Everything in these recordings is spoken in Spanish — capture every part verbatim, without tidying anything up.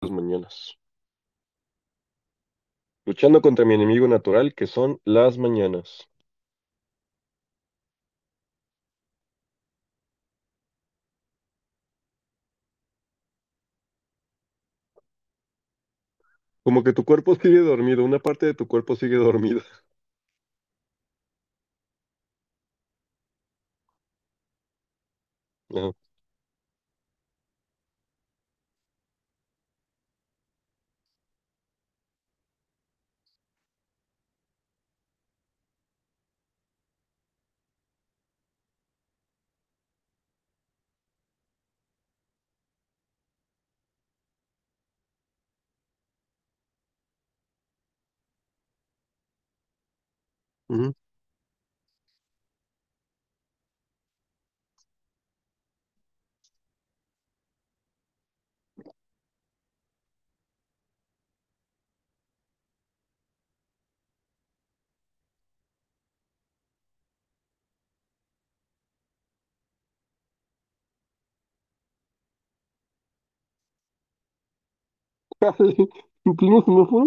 Las mañanas, luchando contra mi enemigo natural que son las mañanas. Como que tu cuerpo sigue dormido, una parte de tu cuerpo sigue dormida. Ajá. Ujú. Dale. ¿Inclino semáforo?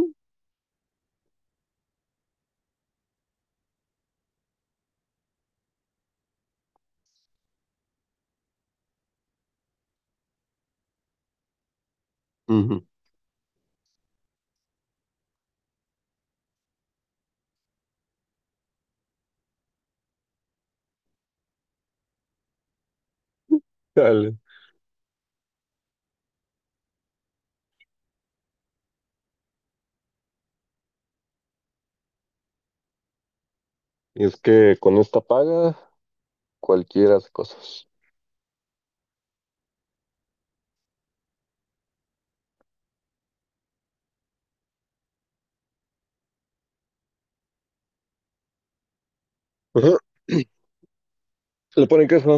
Ujú. Dale. Es que con esta paga cualquiera hace cosas. Ajá. Le ponen queso.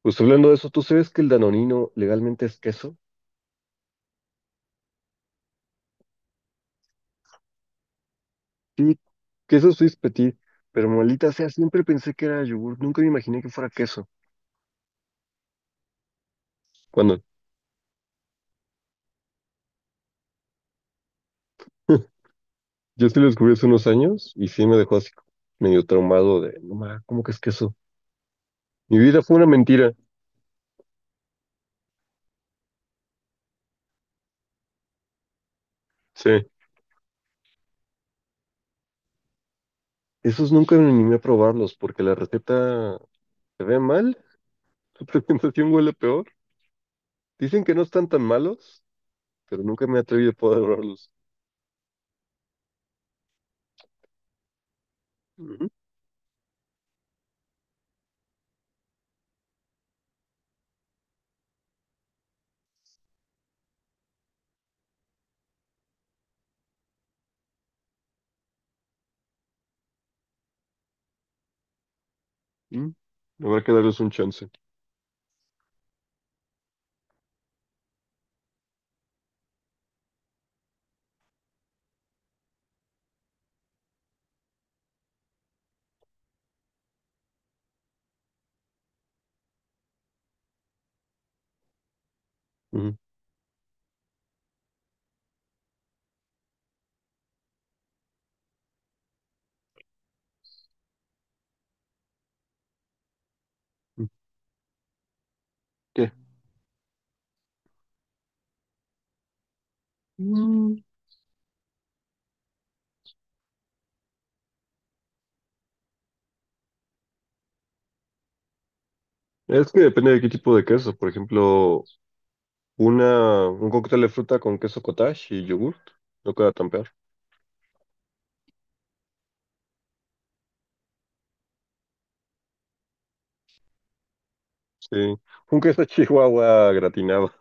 Pues hablando de eso, ¿tú sabes que el danonino legalmente es queso? Sí, queso Swiss Petit, pero maldita sea, siempre pensé que era yogur, nunca me imaginé que fuera queso. ¿Cuándo? Yo sí lo descubrí hace unos años y sí me dejó así medio traumado de, no ma, ¿cómo que es queso? Mi vida fue una mentira. Sí. Esos nunca me animé a probarlos porque la receta se ve mal, la presentación huele peor. Dicen que no están tan malos, pero nunca me atreví a probarlos. Ujú, ujú. Habrá que darles un chance. Ujú, ujú. ¿Qué? Mm, es que depende de qué tipo de queso. Por ejemplo, una, un cóctel de fruta con queso cottage y yogurt no queda tan peor. Sí, un queso chihuahua gratinado.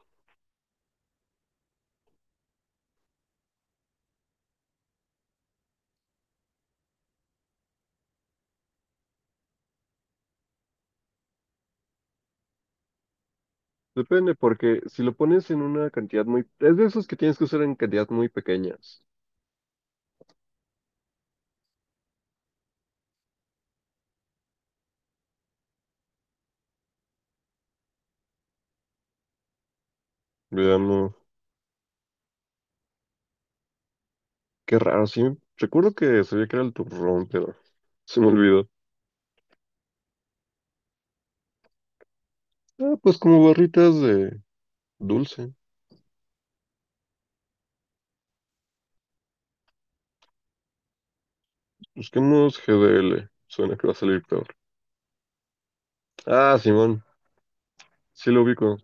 Depende, porque si lo pones en una cantidad muy... Es de esos que tienes que usar en cantidades muy pequeñas. Veamos, qué raro, sí. Recuerdo que sabía que era el turrón, pero se me olvidó. Ah, pues como barritas de dulce. Busquemos G D L. Suena que va a salir peor. Ah, Simón, sí lo ubico.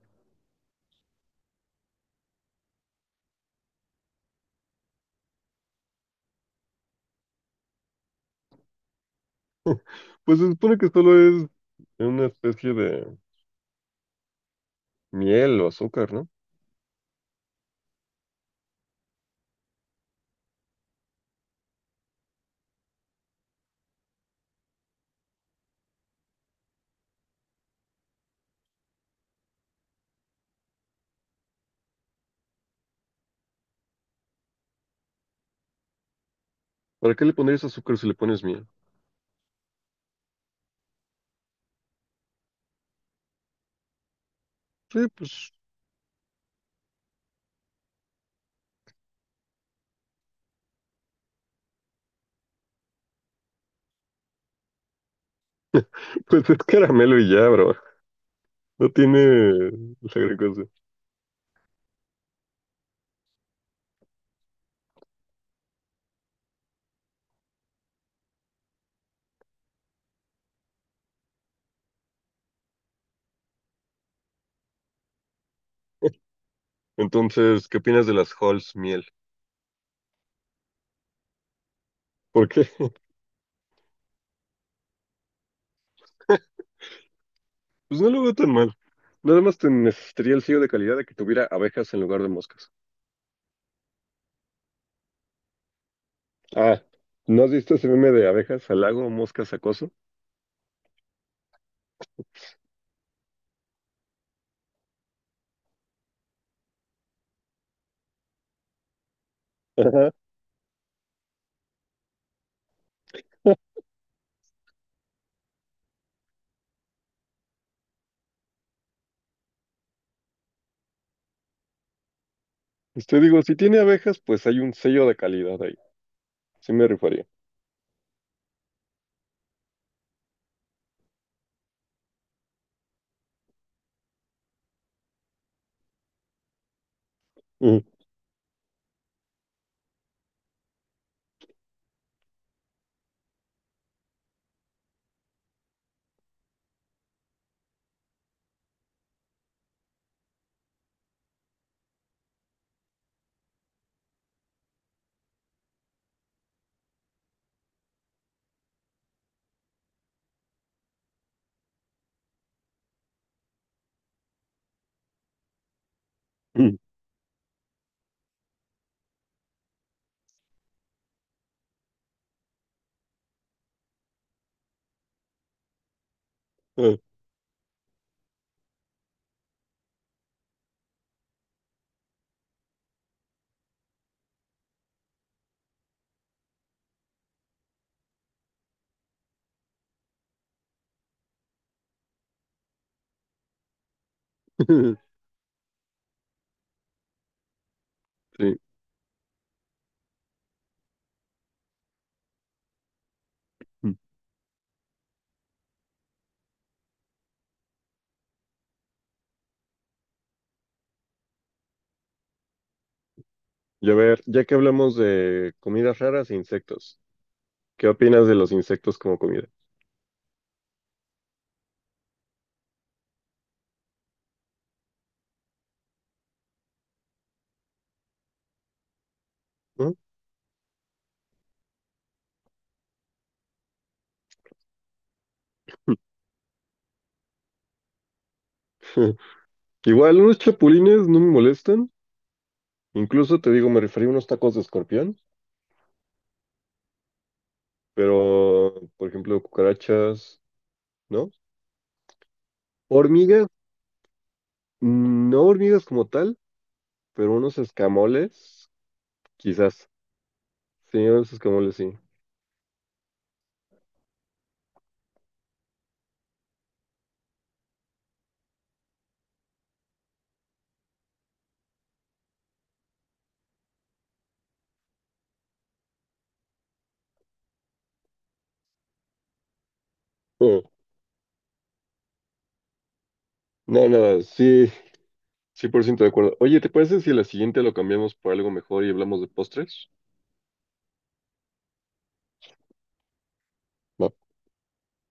Pues se supone que solo es una especie de miel o azúcar, ¿no? ¿Para qué le pondrías azúcar si le pones miel? Sí, pues, pues es caramelo y ya, bro. No tiene la gran cosa. Entonces, ¿qué opinas de las Halls miel? ¿Por qué? Pues no lo veo tan mal. Nada más te necesitaría el sello de calidad de que tuviera abejas en lugar de moscas. Ah, ¿no has visto ese meme de abejas al lago, moscas acoso? Ajá. Este digo, si tiene abejas, pues hay un sello de calidad ahí. Sí me rifaría. Ujú, ujú, ah, sí. Mm. Y a ver, ya que hablamos de comidas raras e insectos, ¿qué opinas de los insectos como comida? ¿No? Igual unos chapulines no me molestan. Incluso te digo, me referí a unos tacos de escorpión, pero, por ejemplo, cucarachas, ¿no? Hormigas, mm, no hormigas como tal, pero unos escamoles, quizás. Sí, unos escamoles, sí. Eh, No, nada, sí, cien por ciento de acuerdo. Oye, ¿te parece si la siguiente lo cambiamos por algo mejor y hablamos de postres? Va.